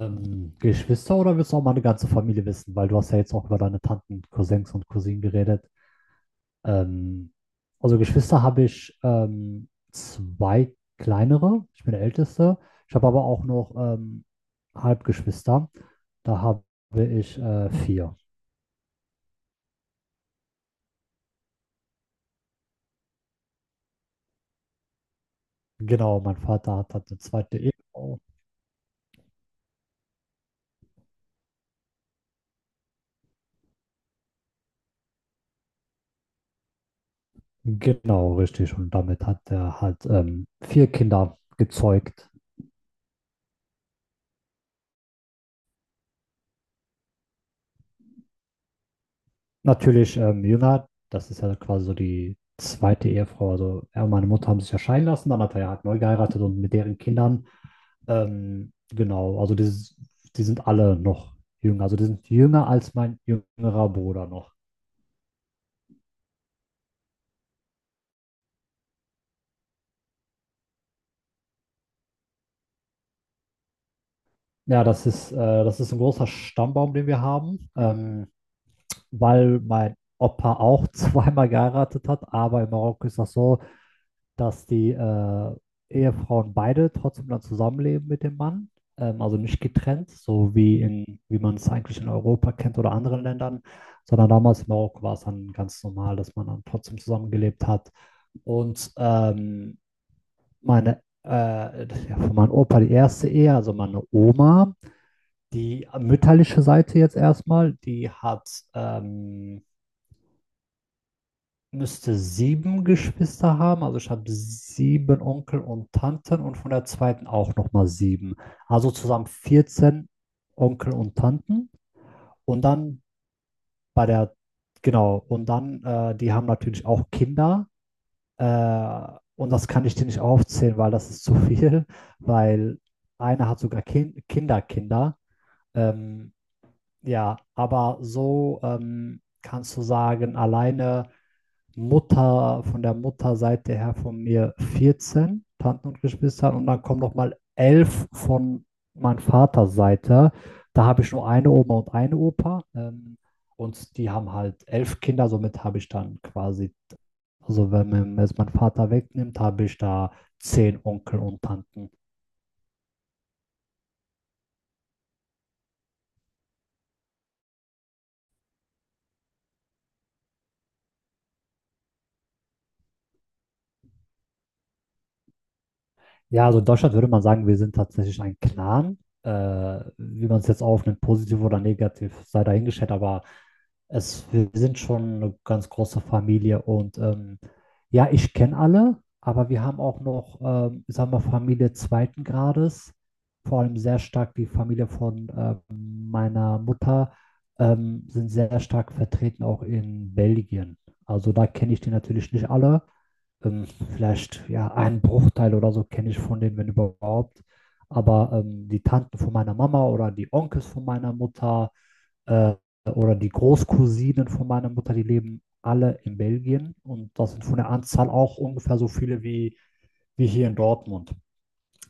Geschwister oder willst du auch mal eine ganze Familie wissen? Weil du hast ja jetzt auch über deine Tanten, Cousins und Cousinen geredet. Ähm, also Geschwister habe ich zwei kleinere. Ich bin der Älteste. Ich habe aber auch noch Halbgeschwister. Da habe ich vier. Genau, mein Vater hat eine zweite Ehefrau. Genau, richtig. Und damit hat er halt vier Kinder gezeugt. Natürlich Milner, das ist ja quasi so die zweite Ehefrau. Also er und meine Mutter haben sich ja scheiden lassen, dann hat er ja halt neu geheiratet und mit deren Kindern, genau, also die sind alle noch jünger. Also die sind jünger als mein jüngerer Bruder noch. Ja, das ist ein großer Stammbaum, den wir haben, weil mein Opa auch zweimal geheiratet hat, aber in Marokko ist das so, dass die Ehefrauen beide trotzdem dann zusammenleben mit dem Mann, also nicht getrennt, wie man es eigentlich in Europa kennt oder anderen Ländern, sondern damals in Marokko war es dann ganz normal, dass man dann trotzdem zusammengelebt hat. Und das ist ja von meinem Opa die erste Ehe, also meine Oma, die mütterliche Seite jetzt erstmal, die hat ähm, müsste sieben Geschwister haben. Also ich habe sieben Onkel und Tanten und von der zweiten auch nochmal sieben. Also zusammen 14 Onkel und Tanten. Und dann bei der, genau, und dann, die haben natürlich auch Kinder. Äh, und das kann ich dir nicht aufzählen, weil das ist zu viel, weil einer hat sogar Kinder. Ähm, ja, aber so kannst du sagen, alleine Mutter, von der Mutterseite her von mir 14 Tanten und Geschwister und dann kommen nochmal 11 von meiner Vaterseite. Da habe ich nur eine Oma und eine Opa. Und die haben halt 11 Kinder, somit habe ich dann quasi, also wenn man jetzt meinen Vater wegnimmt, habe ich da 10 Onkel und Tanten. Ja, also in Deutschland würde man sagen, wir sind tatsächlich ein Clan. Wie man es jetzt aufnimmt, positiv oder negativ, sei dahingestellt, aber wir sind schon eine ganz große Familie und ja, ich kenne alle, aber wir haben auch noch, sagen wir, Familie zweiten Grades, vor allem sehr stark die Familie von meiner Mutter, sind sehr stark vertreten auch in Belgien. Also da kenne ich die natürlich nicht alle. Vielleicht ja einen Bruchteil oder so kenne ich von denen, wenn überhaupt. Aber die Tanten von meiner Mama oder die Onkels von meiner Mutter äh, oder die Großcousinen von meiner Mutter, die leben alle in Belgien und das sind von der Anzahl auch ungefähr so viele wie hier in Dortmund.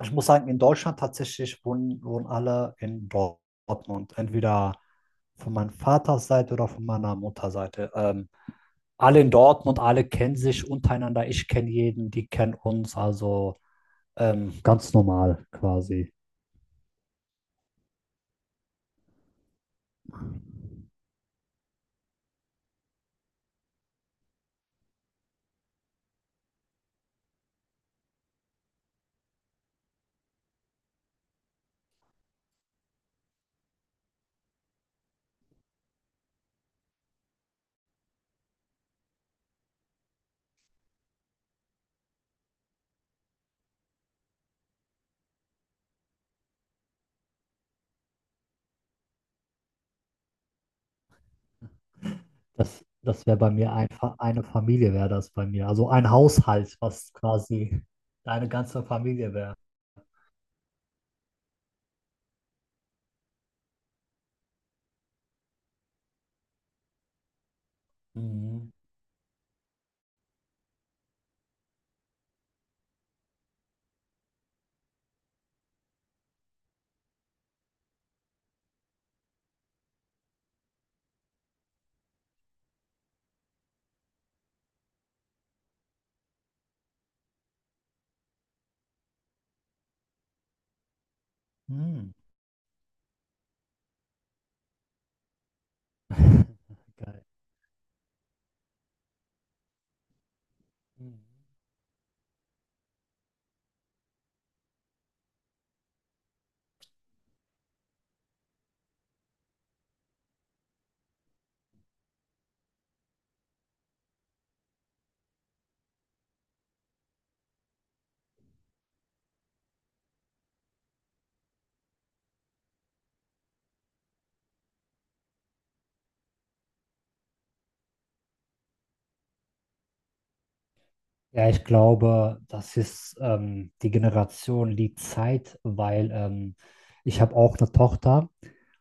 Ich muss sagen, in Deutschland tatsächlich wohnen alle in Dortmund. Entweder von meiner Vaterseite oder von meiner Mutterseite. Alle in Dortmund, alle kennen sich untereinander. Ich kenne jeden, die kennen uns. Also ganz normal quasi. Das wäre bei mir einfach eine Familie, wäre das bei mir. Also ein Haushalt, was quasi deine ganze Familie wäre. Mhm. Hm. Geil. Hm. Ja, ich glaube, das ist die Generation, die Zeit, weil ich habe auch eine Tochter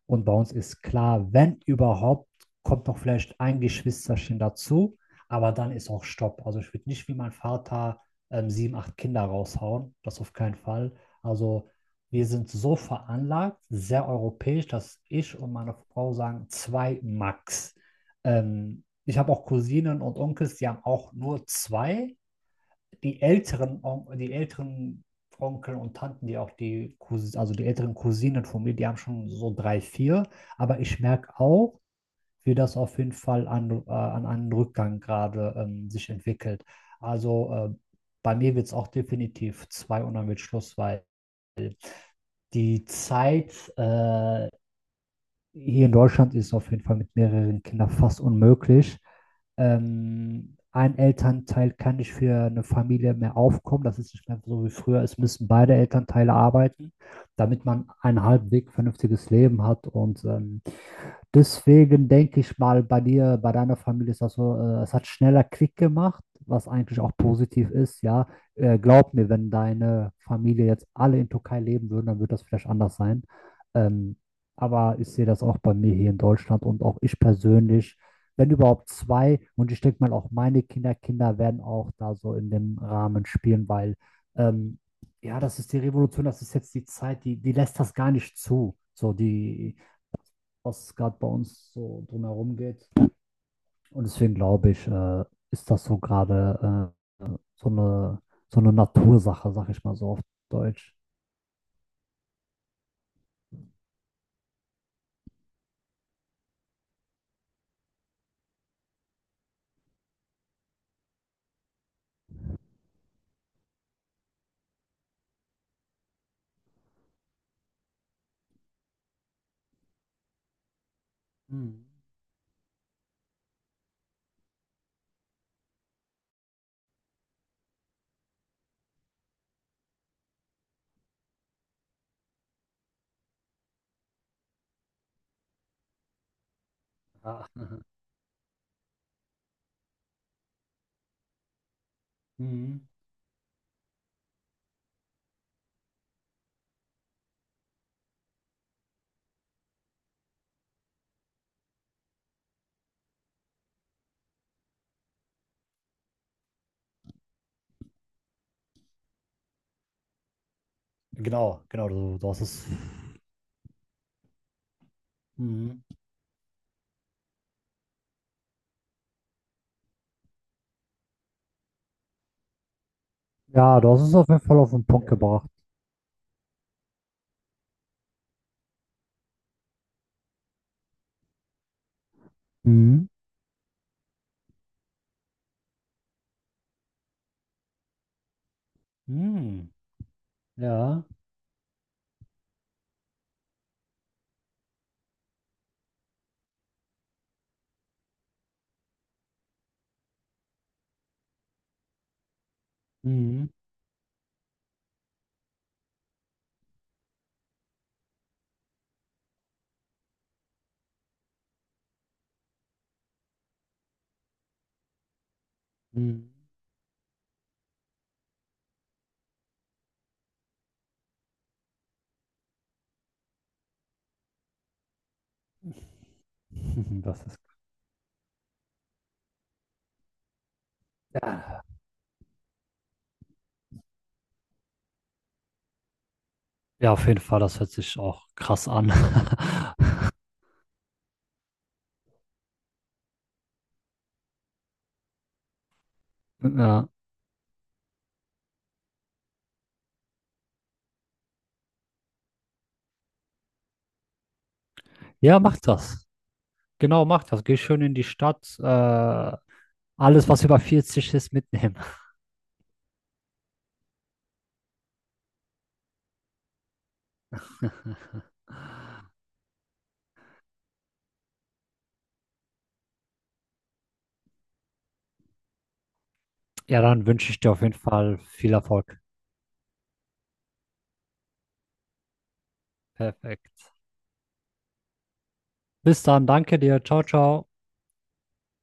und bei uns ist klar, wenn überhaupt, kommt noch vielleicht ein Geschwisterchen dazu, aber dann ist auch Stopp. Also ich würde nicht wie mein Vater sieben, acht Kinder raushauen, das auf keinen Fall. Also wir sind so veranlagt, sehr europäisch, dass ich und meine Frau sagen, zwei Max. Ähm, Ich habe auch Cousinen und Onkels, die haben auch nur zwei, die älteren Onkel und Tanten, die auch die Cousins, also die älteren Cousinen von mir, die haben schon so drei, vier. Aber ich merke auch, wie das auf jeden Fall an einen Rückgang gerade sich entwickelt. Also bei mir wird es auch definitiv zwei und dann wird Schluss, weil die Zeit, äh, hier in Deutschland ist es auf jeden Fall mit mehreren Kindern fast unmöglich. Ein Elternteil kann nicht für eine Familie mehr aufkommen. Das ist nicht mehr so wie früher. Es müssen beide Elternteile arbeiten, damit man ein halbwegs vernünftiges Leben hat. Und deswegen denke ich mal, bei dir, bei deiner Familie ist das so, es hat schneller Klick gemacht, was eigentlich auch positiv ist, ja. Glaub mir, wenn deine Familie jetzt alle in Türkei leben würden, dann würde das vielleicht anders sein. Ähm, aber ich sehe das auch bei mir hier in Deutschland und auch ich persönlich, wenn überhaupt zwei, und ich denke mal auch meine Kinder, Kinder werden auch da so in dem Rahmen spielen, weil ähm, ja, das ist die Revolution, das ist jetzt die Zeit, die lässt das gar nicht zu. So, was gerade bei uns so drumherum geht. Und deswegen glaube ich, ist das so gerade so eine, so eine Natursache, sag ich mal so auf Deutsch. Mhm. Ja. Mhm. Genau, genau, du hast es. Mhm. Ja, du hast es auf jeden Fall auf den Punkt gebracht. Mhm. Mhm. Ja. Mhm. Mhm. Das ist. Ja, auf jeden Fall, das hört sich auch krass an. Ja. Ja, macht das. Genau, mach das. Geh schön in die Stadt. Alles, was über 40 ist, mitnehmen. Ja, dann wünsche ich dir auf jeden Fall viel Erfolg. Perfekt. Bis dann. Danke dir. Ciao, ciao.